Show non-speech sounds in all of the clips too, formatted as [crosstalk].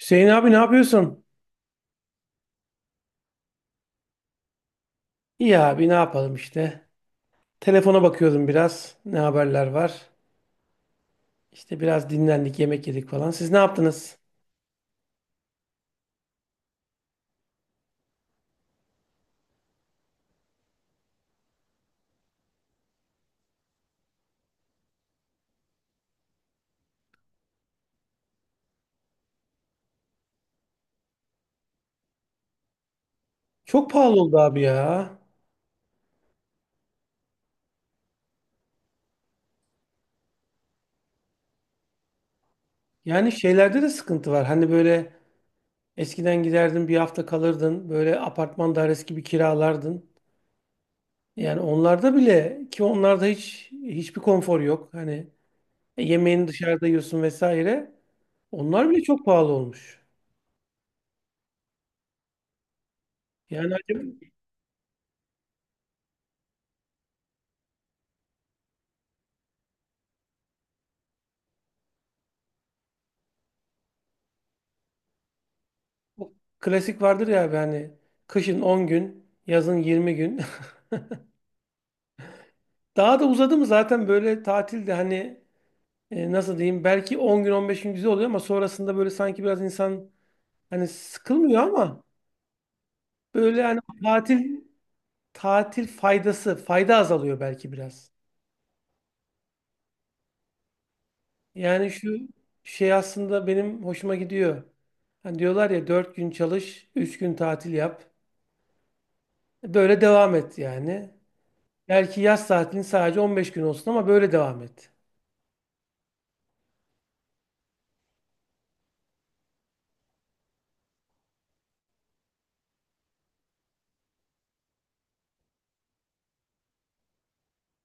Hüseyin abi ne yapıyorsun? İyi abi ne yapalım işte. Telefona bakıyordum biraz. Ne haberler var? İşte biraz dinlendik, yemek yedik falan. Siz ne yaptınız? Çok pahalı oldu abi ya. Yani şeylerde de sıkıntı var. Hani böyle eskiden giderdin bir hafta kalırdın. Böyle apartman dairesi gibi kiralardın. Yani onlarda bile ki onlarda hiçbir konfor yok. Hani yemeğini dışarıda yiyorsun vesaire. Onlar bile çok pahalı olmuş. Yani acaba bu klasik vardır ya abi hani kışın 10 gün, yazın 20 gün. [laughs] Daha da uzadı mı zaten böyle tatilde hani nasıl diyeyim, belki 10 gün 15 gün güzel oluyor ama sonrasında böyle sanki biraz insan hani sıkılmıyor ama böyle hani tatil faydası fayda azalıyor belki biraz. Yani şu şey aslında benim hoşuma gidiyor. Hani diyorlar ya 4 gün çalış, 3 gün tatil yap. Böyle devam et yani. Belki yaz tatilin sadece 15 gün olsun ama böyle devam et.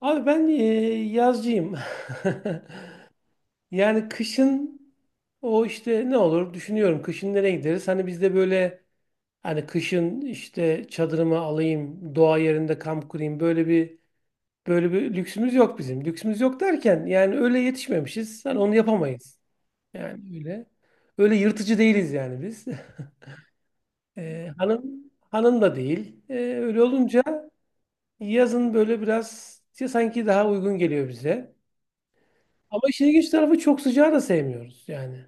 Abi ben yazcıyım. [laughs] Yani kışın o işte ne olur düşünüyorum. Kışın nereye gideriz? Hani bizde böyle hani kışın işte çadırımı alayım, doğa yerinde kamp kurayım. Böyle bir lüksümüz yok bizim. Lüksümüz yok derken yani öyle yetişmemişiz. Hani onu yapamayız. Yani öyle. Öyle yırtıcı değiliz yani biz. [laughs] E, hanım da değil. E, öyle olunca yazın böyle biraz sanki daha uygun geliyor bize. Ama işin ilginç tarafı çok sıcağı da sevmiyoruz yani.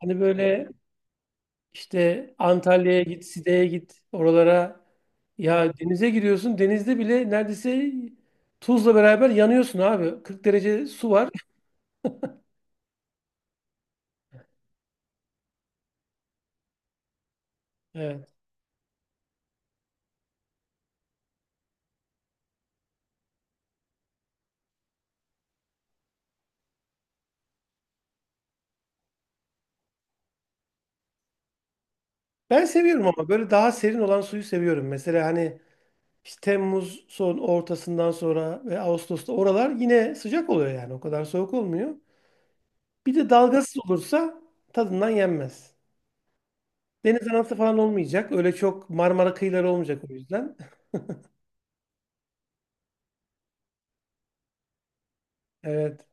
Hani böyle işte Antalya'ya git, Side'ye git, oralara ya denize giriyorsun. Denizde bile neredeyse tuzla beraber yanıyorsun abi. 40 derece su var. [laughs] Evet. Ben seviyorum ama böyle daha serin olan suyu seviyorum. Mesela hani işte Temmuz son ortasından sonra ve Ağustos'ta oralar yine sıcak oluyor yani. O kadar soğuk olmuyor. Bir de dalgasız olursa tadından yenmez. Deniz anası falan olmayacak. Öyle çok Marmara kıyıları olmayacak o yüzden. [laughs] Evet.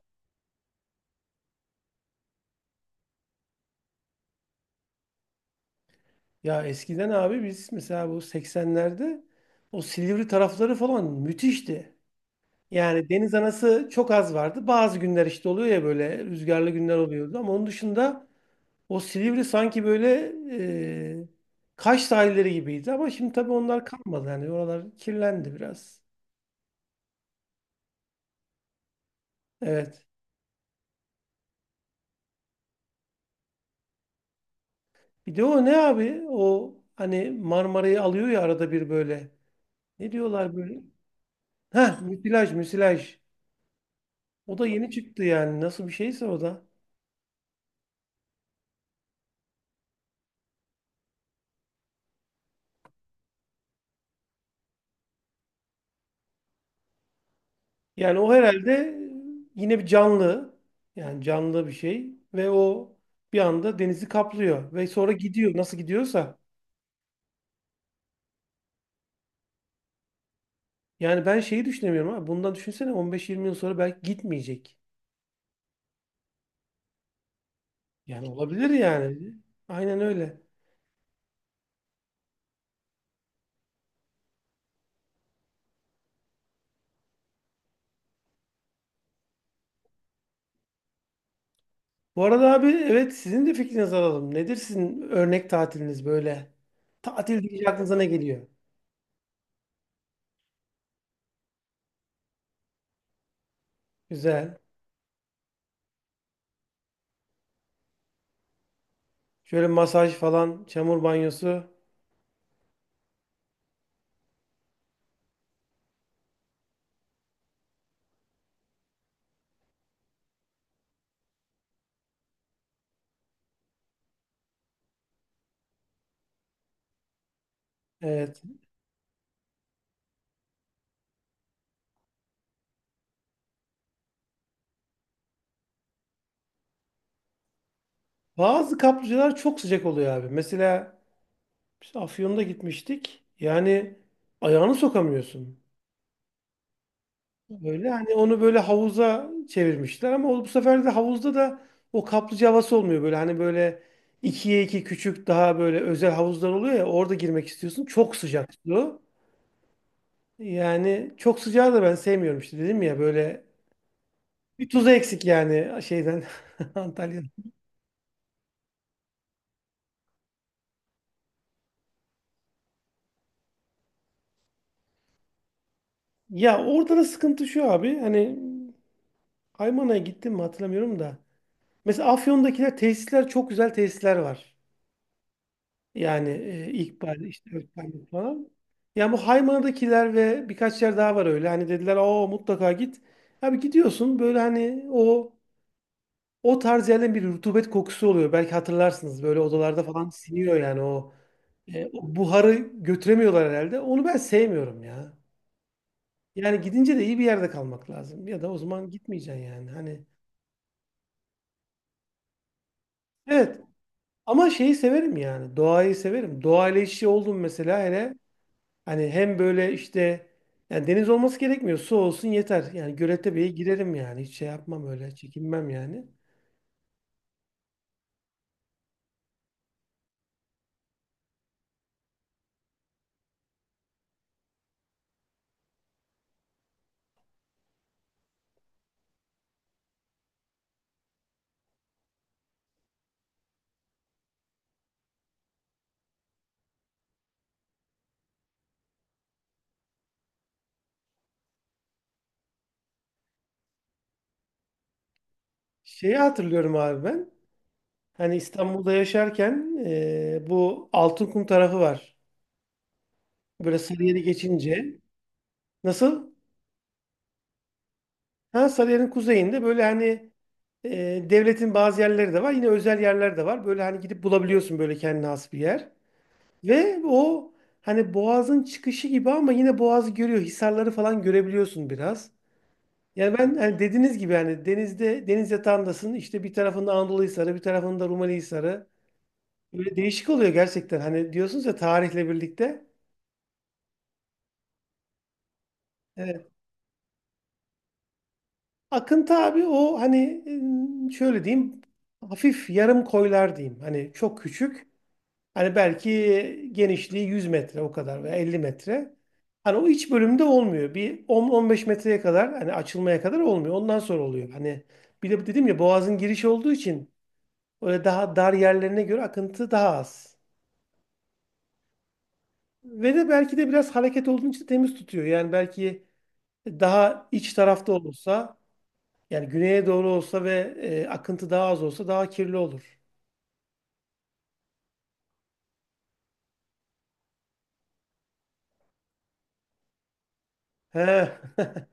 Ya eskiden abi biz mesela bu 80'lerde o Silivri tarafları falan müthişti. Yani deniz anası çok az vardı. Bazı günler işte oluyor ya, böyle rüzgarlı günler oluyordu. Ama onun dışında o Silivri sanki böyle e, Kaş sahilleri gibiydi. Ama şimdi tabii onlar kalmadı. Yani oralar kirlendi biraz. Evet. Bir de o ne abi? O hani Marmara'yı alıyor ya arada bir böyle. Ne diyorlar böyle? Heh, müsilaj, müsilaj. O da yeni çıktı yani. Nasıl bir şeyse o da. Yani o herhalde yine bir canlı. Yani canlı bir şey. Ve o bir anda denizi kaplıyor. Ve sonra gidiyor. Nasıl gidiyorsa. Yani ben şeyi düşünemiyorum abi. Bundan düşünsene 15-20 yıl sonra belki gitmeyecek. Yani olabilir yani. Aynen öyle. Bu arada abi, evet, sizin de fikrinizi alalım. Nedir sizin örnek tatiliniz böyle? Tatil deyince aklınıza ne geliyor? Güzel. Şöyle masaj falan, çamur banyosu. Evet. Bazı kaplıcalar çok sıcak oluyor abi. Mesela biz Afyon'da gitmiştik. Yani ayağını sokamıyorsun. Böyle hani onu böyle havuza çevirmişler ama o- bu sefer de havuzda da o kaplıca havası olmuyor. Böyle hani böyle ikiye iki küçük daha böyle özel havuzlar oluyor ya, orada girmek istiyorsun. Çok sıcak su. Yani çok sıcağı da ben sevmiyorum, işte dedim ya, böyle bir tuzu eksik yani [laughs] Antalya'dan. Ya orada da sıkıntı şu abi, hani Aymana'ya gittim mi hatırlamıyorum da. Mesela Afyon'dakiler, tesisler, çok güzel tesisler var. Yani İkbal işte, Öktem falan. Yani bu Haymana'dakiler ve birkaç yer daha var öyle. Hani dediler o mutlaka git. Abi gidiyorsun böyle hani o tarz yerlerin bir rutubet kokusu oluyor. Belki hatırlarsınız böyle odalarda falan siniyor yani o buharı götüremiyorlar herhalde. Onu ben sevmiyorum ya. Yani gidince de iyi bir yerde kalmak lazım. Ya da o zaman gitmeyeceksin yani. Hani evet. Ama şeyi severim yani. Doğayı severim. Doğayla iç içe oldum mesela, hele. Hani hem böyle işte yani deniz olması gerekmiyor. Su olsun yeter. Yani Göletepe'ye girerim yani. Hiç şey yapmam öyle. Çekinmem yani. Şeyi hatırlıyorum abi ben. Hani İstanbul'da yaşarken bu Altınkum tarafı var. Böyle Sarıyer'i geçince. Nasıl? Ha, Sarıyer'in kuzeyinde böyle hani devletin bazı yerleri de var. Yine özel yerler de var. Böyle hani gidip bulabiliyorsun böyle kendine has bir yer. Ve o hani boğazın çıkışı gibi ama yine boğazı görüyor. Hisarları falan görebiliyorsun biraz. Yani ben hani dediğiniz gibi hani denizde, deniz yatağındasın. İşte bir tarafında Anadolu Hisarı, bir tarafında Rumeli Hisarı. Böyle değişik oluyor gerçekten. Hani diyorsunuz ya, tarihle birlikte. Evet. Akıntı abi, o hani şöyle diyeyim, hafif yarım koylar diyeyim. Hani çok küçük. Hani belki genişliği 100 metre o kadar veya 50 metre. Hani o iç bölümde olmuyor. Bir 10-15 metreye kadar, hani açılmaya kadar olmuyor. Ondan sonra oluyor. Hani bir de dedim ya, boğazın girişi olduğu için öyle daha dar yerlerine göre akıntı daha az. Ve de belki de biraz hareket olduğu için temiz tutuyor. Yani belki daha iç tarafta olursa, yani güneye doğru olsa ve akıntı daha az olsa daha kirli olur. He. [laughs]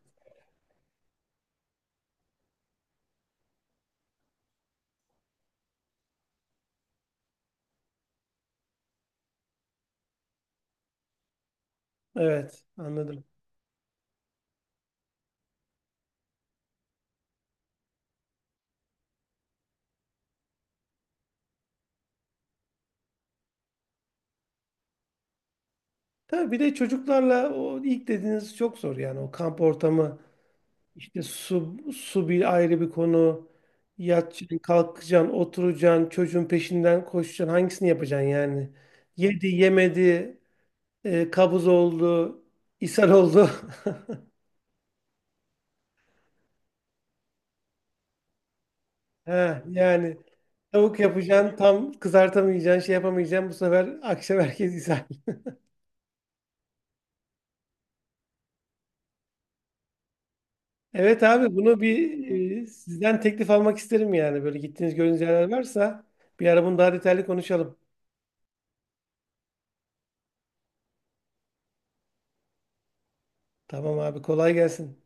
Evet, anladım. Tabii bir de çocuklarla o ilk dediğiniz çok zor yani, o kamp ortamı, işte su bir ayrı bir konu. Yatacaksın, kalkacaksın, oturacaksın, çocuğun peşinden koşacaksın, hangisini yapacaksın yani? Yedi, yemedi, kabız oldu, ishal oldu. [laughs] Ha, yani tavuk yapacaksın, tam kızartamayacaksın, şey yapamayacaksın, bu sefer akşam herkes ishal. [laughs] Evet abi, bunu bir sizden teklif almak isterim yani. Böyle gittiğiniz, gördüğünüz yerler varsa bir ara bunu daha detaylı konuşalım. Tamam abi, kolay gelsin.